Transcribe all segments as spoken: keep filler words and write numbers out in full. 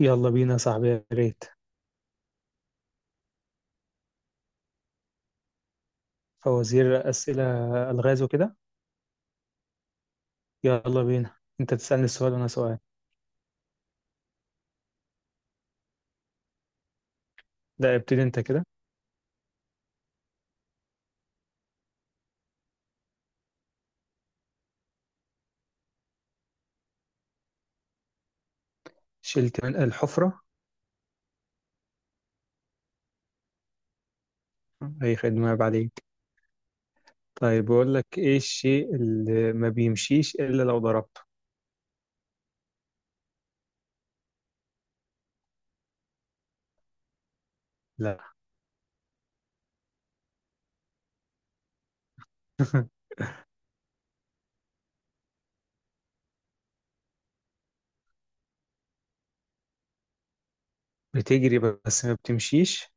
يلا بينا يا صاحبي، يا ريت. فوازير، أسئلة. ألغاز وكده. يلا بينا. أنت تسألني السؤال وأنا سؤال. لا، ابتدي أنت كده. شلت من الحفرة. أي خدمة، عيب عليك. طيب، بقول لك إيه الشيء اللي ما بيمشيش إلا لو ضربته؟ لا. بتجري بس ما بتمشيش.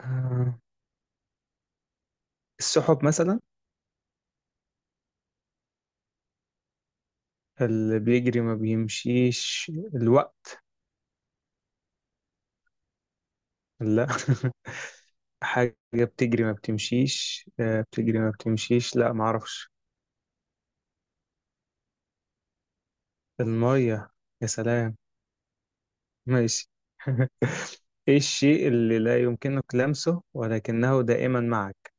آه، السحب مثلا. اللي بيجري ما بيمشيش الوقت. لا. حاجة بتجري ما بتمشيش، آه، بتجري ما بتمشيش، لا معرفش. المية. يا سلام. ماشي. ايه الشيء اللي لا يمكنك لمسه ولكنه دائما معك؟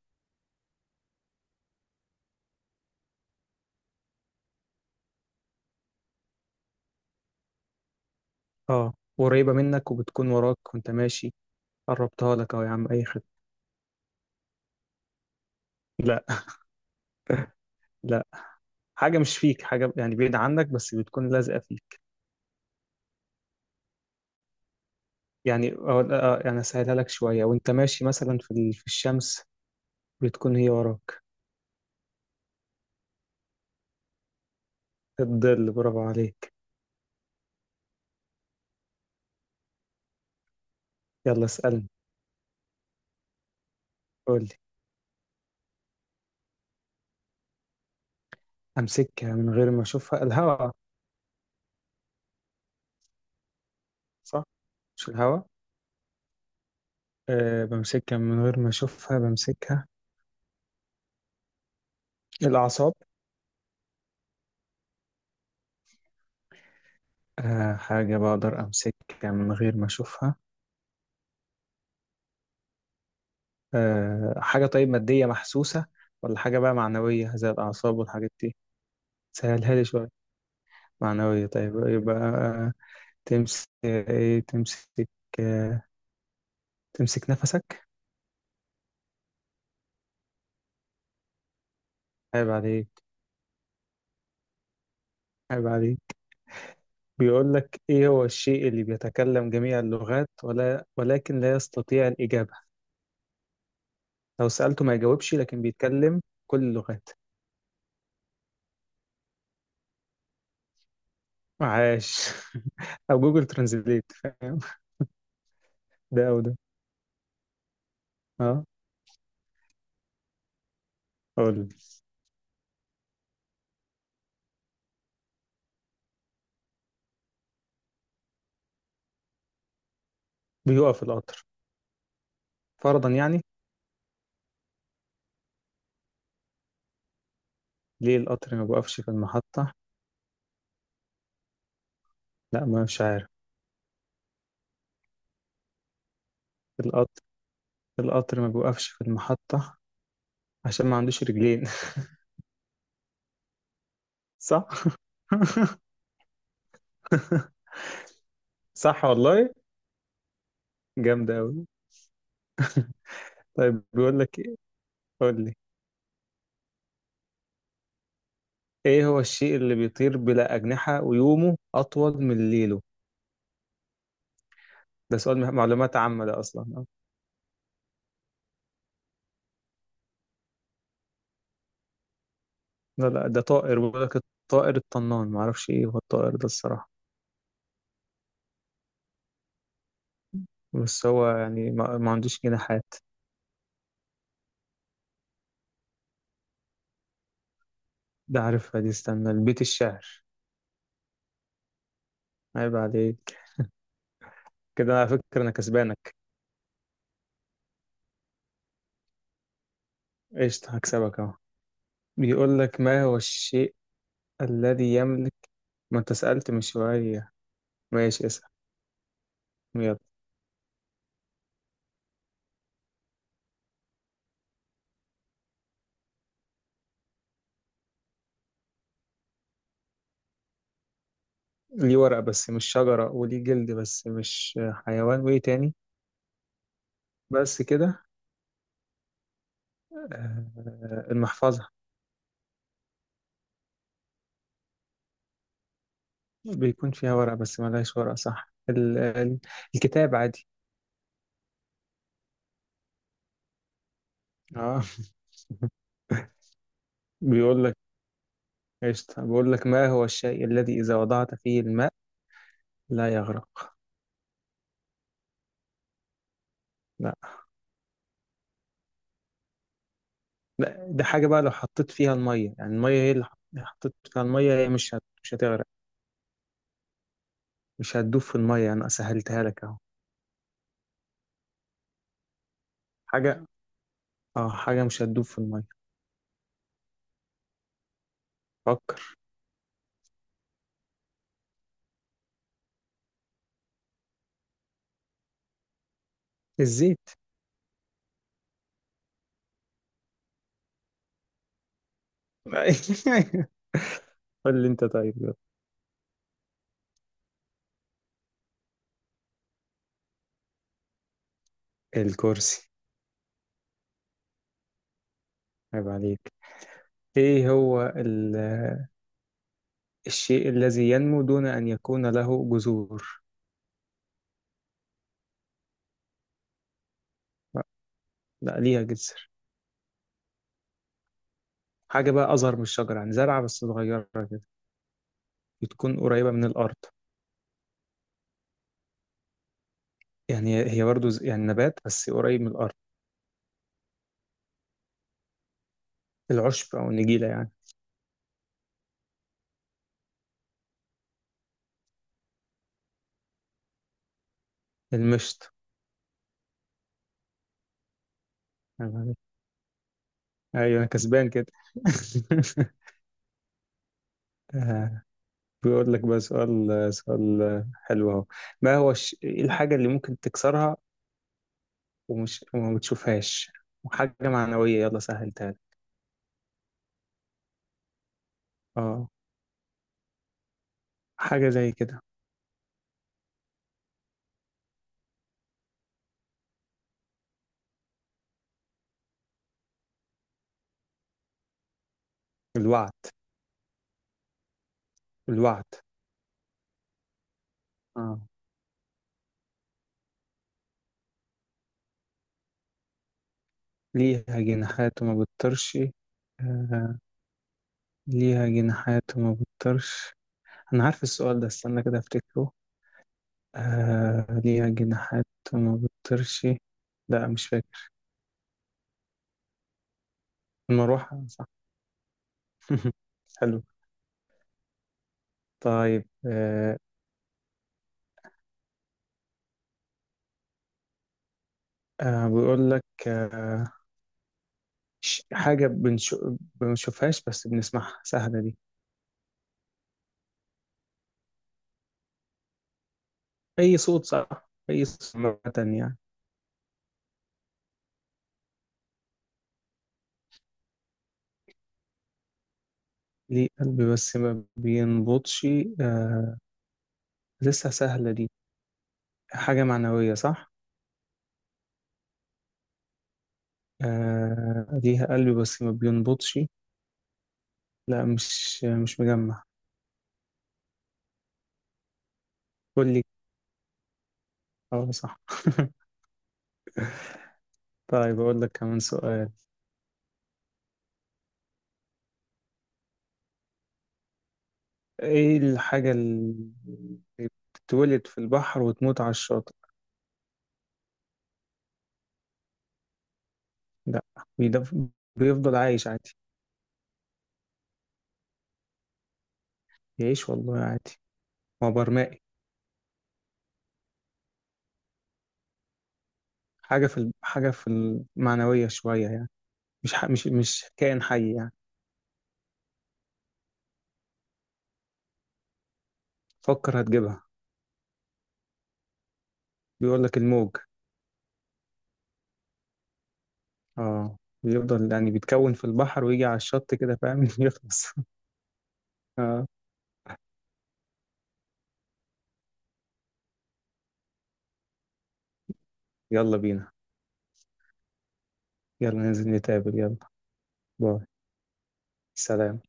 اه. قريبة منك وبتكون وراك وانت ماشي. قربتها لك اهو يا عم، اي خد. لا. لا. حاجة مش فيك، حاجة يعني بعيدة عنك بس بتكون لازقة فيك. يعني اه آه، يعني اسهلها لك شوية، وانت ماشي مثلا في ال- في الشمس بتكون هي وراك. الظل، برافو عليك. يلا اسألني. قول لي. امسكها من غير ما اشوفها، الهواء. صح. مش الهواء. أه بمسكها من غير ما اشوفها، بمسكها. الأعصاب. آه، حاجة بقدر أمسكها من غير ما أشوفها. آه، حاجة طيب مادية محسوسة، ولا حاجة بقى معنوية زي الأعصاب والحاجات دي؟ سهلها لي شوية. معنوية، طيب يبقى آه، تمسك إيه؟ تمسك. آه، تمسك نفسك. عيب عليك. عيب عليك. بيقول لك إيه هو الشيء اللي بيتكلم جميع اللغات ولا ولكن لا يستطيع الإجابة؟ لو سألته ما يجاوبش لكن بيتكلم كل اللغات. عاش. أو جوجل ترانزليت، فاهم. ده أو ده. أه. قول. بيقف القطر، فرضا يعني. ليه القطر ما بيقفش في المحطة؟ لا، ما مش عارف. القطر. القطر ما بيوقفش في المحطة عشان ما عندوش رجلين. صح. صح والله. جامدة أوي. طيب، بيقول لك إيه؟ قول لي. إيه هو الشيء اللي بيطير بلا أجنحة ويومه أطول من ليله؟ ده سؤال مه- معلومات عامة ده أصلا آه. لا لا، ده طائر، بيقول لك الطائر الطنان. ما أعرفش إيه هو الطائر ده الصراحة. بس هو يعني ما, ما عندوش جناحات. ده عارفها دي، استنى، البيت الشعر. عيب عليك. كده على فكرة أنا كسبانك. قشطة، هكسبك أهو. بيقول لك ما هو الشيء الذي يملك. ما أنت سألت من شوية. ماشي، اسأل. يلا. ليه ورق بس مش شجرة، وليه جلد بس مش حيوان، وإيه تاني؟ بس كده. آه، المحفظة. بيكون فيها ورق بس ملهاش ورق، صح. ال- ال- الكتاب عادي. اه. بيقول لك، قشطة. بيقول لك ما هو الشيء الذي إذا وضعت فيه الماء لا يغرق؟ لا. لا ده حاجة، بقى لو حطيت فيها المية، يعني المية هي اللي حط- حطيت فيها المية، هي مش هت... مش هتغرق. مش هتدوب في المية، أنا سهلتها لك أهو. حاجة. اه، حاجة مش هتدوب في المية. فكر. الزيت. قول لي أنت طيب، يلا. الكرسي. عيب عليك. إيه هو ال... الشيء الذي ينمو دون أن يكون له جذور؟ لا, لا ليها جذر. حاجة بقى أصغر من الشجرة، يعني زرعة بس صغيرة كده. بتكون قريبة من الأرض. يعني هي برضو ز- يعني نبات بس قريب من الأرض. العشب أو النجيلة يعني. المشط. أيوة أنا كسبان كده. آه، بيقول لك بقى سؤال. سؤال حلو أهو. ما هو الش- إيه الحاجة اللي ممكن تكسرها ومش وما بتشوفهاش، وحاجة معنوية يلا سهلتها لك. اه. حاجة زي كده. الوعد. الوعد. اه. ليها جناحات وما بتطيرش. آه. ليها جناحات وما بتطيرش. أنا عارف السؤال ده، استنى كده أفتكره. آه ليها جناحات وما بتطيرش. لا مش فاكر. المروحة، صح. حلو. طيب. آه آه بيقول لك. آه ش- حاجة بنشو... بنشوفهاش بس بنسمعها، سهلة دي. أي صوت، صح، أي صوت، عامة يعني. ليه قلبي بس ما بينبضش؟ آه لسه سهلة دي. حاجة معنوية، صح. آه ليها قلبي بس ما بينبضش. لا مش مش مجمع. قول لي. اه صح. طيب أقول لك كمان سؤال. إيه الحاجة اللي بتتولد في البحر وتموت على الشاطئ؟ لا. بيدف... بيفضل عايش عادي. يعيش والله عادي. هو برمائي. حاجة في ال... حاجة في المعنوية شوية يعني. مش ح... مش مش كائن حي يعني. فكر، هتجيبها. بيقول لك الموج. اه. بيفضل يعني بيتكون في البحر ويجي على الشط كده فاهم. يخلص. اه. يلا بينا. يلا ننزل نتقابل، يلا. باي. سلام.